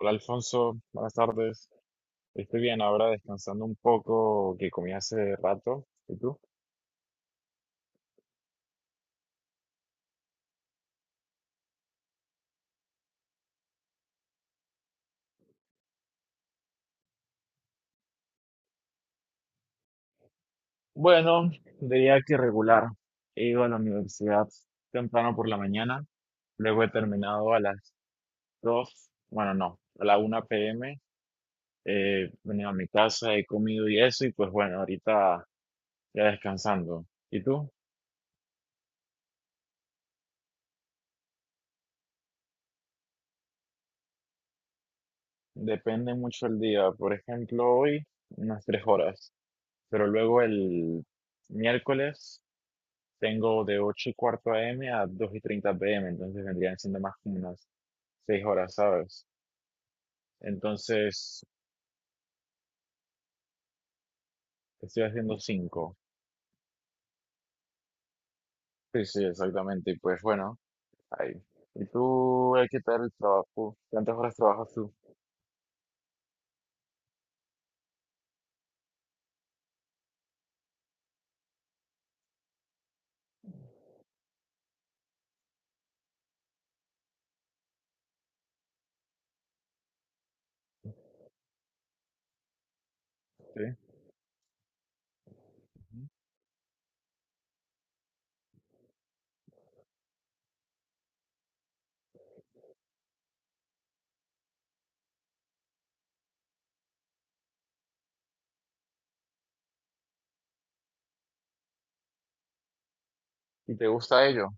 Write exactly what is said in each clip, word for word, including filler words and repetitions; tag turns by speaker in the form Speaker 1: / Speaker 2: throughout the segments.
Speaker 1: Hola Alfonso, buenas tardes. Estoy bien, ahora descansando un poco que comí hace rato. ¿Y tú? Bueno, diría que regular. He ido a la universidad temprano por la mañana, luego he terminado a las dos. Bueno, no, a la una p. m. eh, he venido a mi casa, he comido y eso, y pues bueno, ahorita ya descansando. ¿Y tú? Depende mucho el día. Por ejemplo, hoy unas tres horas, pero luego el miércoles tengo de ocho y cuarto a m a dos y treinta p m, entonces vendrían siendo más como unas seis horas, ¿sabes? Entonces estoy haciendo cinco. Sí, sí, exactamente. Y pues bueno, ahí. ¿Y tú, eh, qué tal el trabajo? ¿Cuántas horas trabajas tú? ¿Sí? Ujú. ¿Y te gusta ello?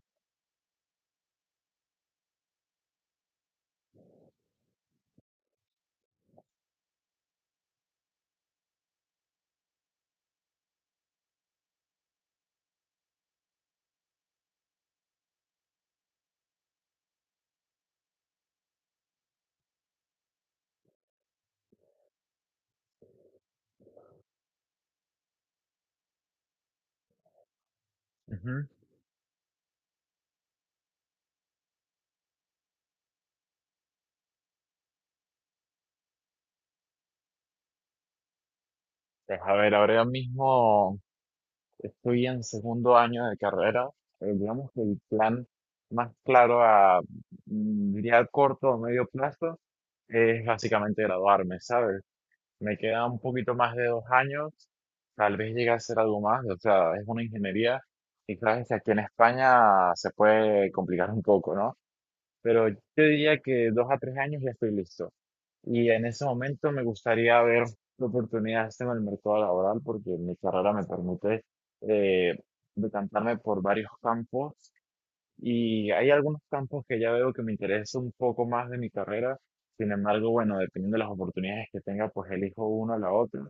Speaker 1: Pues a ver, ahora mismo estoy en segundo año de carrera. Eh, digamos que el plan más claro a, mm, diría, a corto o medio plazo es básicamente graduarme, ¿sabes? Me queda un poquito más de dos años, tal vez llegue a ser algo más, o sea, es una ingeniería y sabes que aquí en España se puede complicar un poco, ¿no? Pero yo diría que dos a tres años ya estoy listo. Y en ese momento me gustaría ver qué oportunidades tengo en el mercado laboral porque mi carrera me permite eh, decantarme por varios campos y hay algunos campos que ya veo que me interesa un poco más de mi carrera. Sin embargo, bueno, dependiendo de las oportunidades que tenga, pues elijo uno o la otra.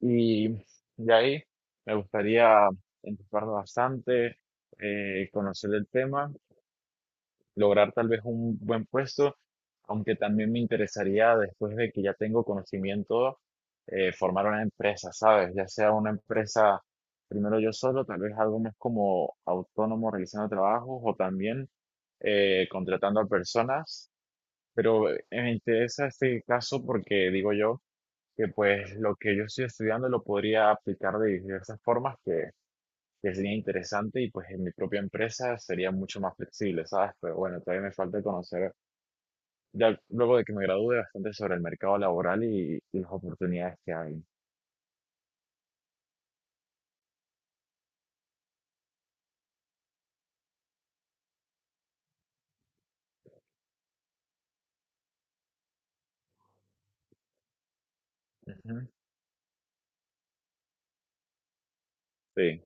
Speaker 1: Y de ahí me gustaría enfocarme bastante, eh, conocer el tema, lograr tal vez un buen puesto, aunque también me interesaría, después de que ya tengo conocimiento, eh, formar una empresa, ¿sabes? Ya sea una empresa primero yo solo, tal vez algo más como autónomo realizando trabajos o también eh, contratando a personas, pero eh, me interesa este caso porque digo yo que pues lo que yo estoy estudiando lo podría aplicar de diversas formas que que sería interesante y pues en mi propia empresa sería mucho más flexible, ¿sabes? Pero bueno, todavía me falta conocer, ya luego de que me gradúe, bastante sobre el mercado laboral y, y las oportunidades que hay. Ujú, sí,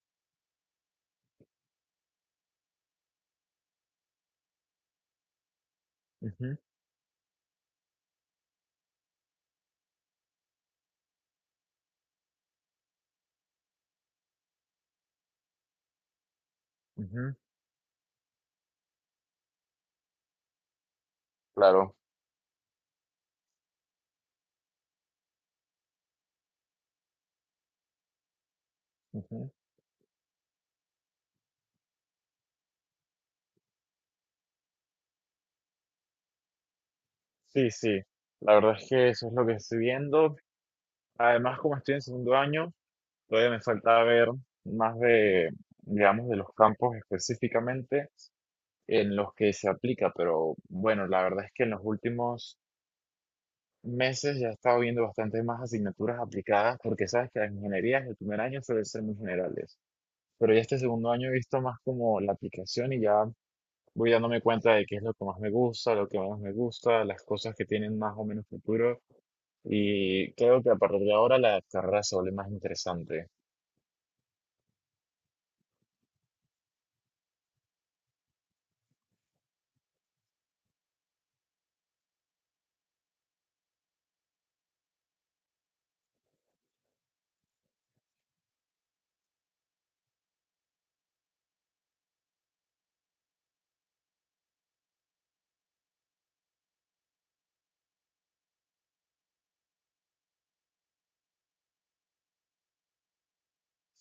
Speaker 1: ujú, ujú, claro, ujú. Sí, sí, la verdad es que eso es lo que estoy viendo. Además, como estoy en segundo año, todavía me falta ver más de, digamos, de los campos específicamente en los que se aplica, pero bueno, la verdad es que en los últimos meses ya he estado viendo bastante más asignaturas aplicadas porque sabes que las ingenierías el primer año suelen ser muy generales, pero ya este segundo año he visto más como la aplicación y ya voy dándome cuenta de qué es lo que más me gusta, lo que menos me gusta, las cosas que tienen más o menos futuro y creo que a partir de ahora la carrera se vuelve más interesante.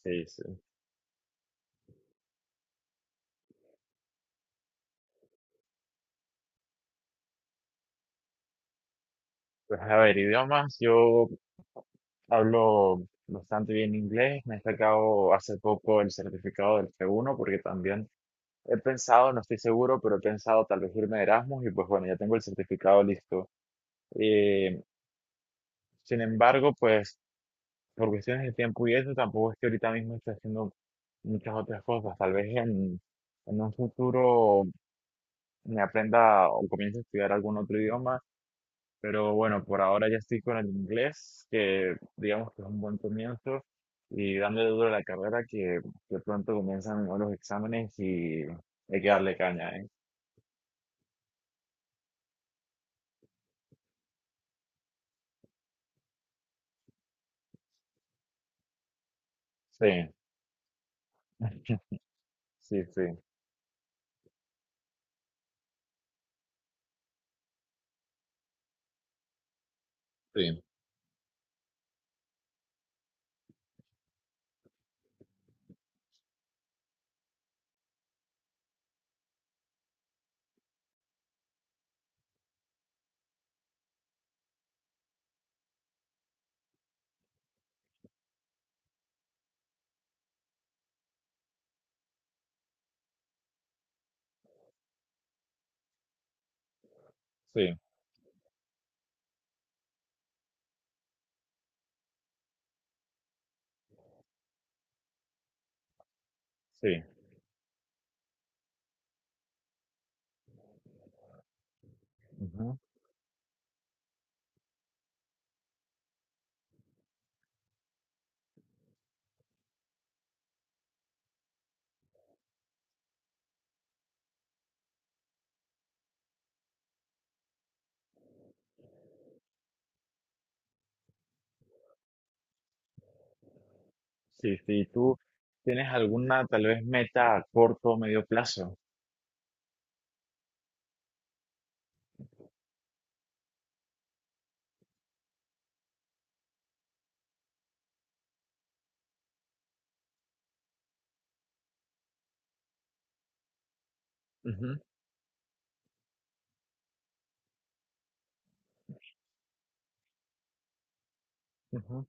Speaker 1: Sí, sí. Pues a ver, idiomas, yo hablo bastante bien inglés, me he sacado hace poco el certificado del C uno porque también he pensado, no estoy seguro, pero he pensado tal vez irme de Erasmus y pues bueno, ya tengo el certificado listo. Eh, sin embargo, pues por cuestiones de tiempo y eso, tampoco es que ahorita mismo esté haciendo muchas otras cosas. Tal vez en, en un futuro me aprenda o comience a estudiar algún otro idioma, pero bueno, por ahora ya estoy con el inglés, que digamos que es un buen comienzo, y dándole duro a la carrera que, que pronto comienzan los exámenes y hay que darle caña, ¿eh? Sí, sí, sí. Sí, sí, sí. Ujú. Sí, sí. ¿Tú tienes alguna tal vez meta a corto o medio plazo? Ujú, ujú,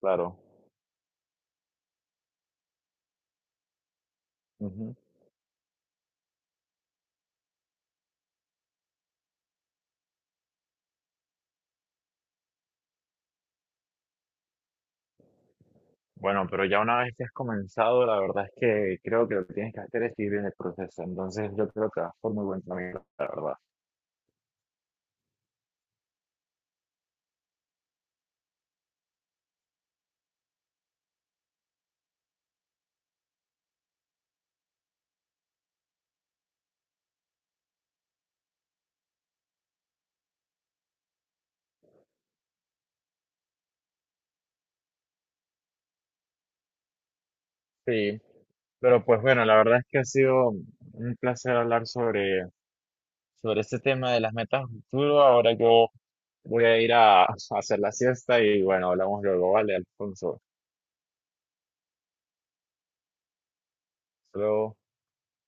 Speaker 1: claro, ujú. Bueno, pero ya una vez que has comenzado, la verdad es que creo que lo que tienes que hacer es seguir en el proceso. Entonces yo creo que vas por muy buen camino, la verdad. Sí, pero pues bueno, la verdad es que ha sido un placer hablar sobre, sobre este tema de las metas a futuro. Ahora yo voy a ir a, a hacer la siesta y bueno, hablamos luego, ¿vale, Alfonso? Hasta luego.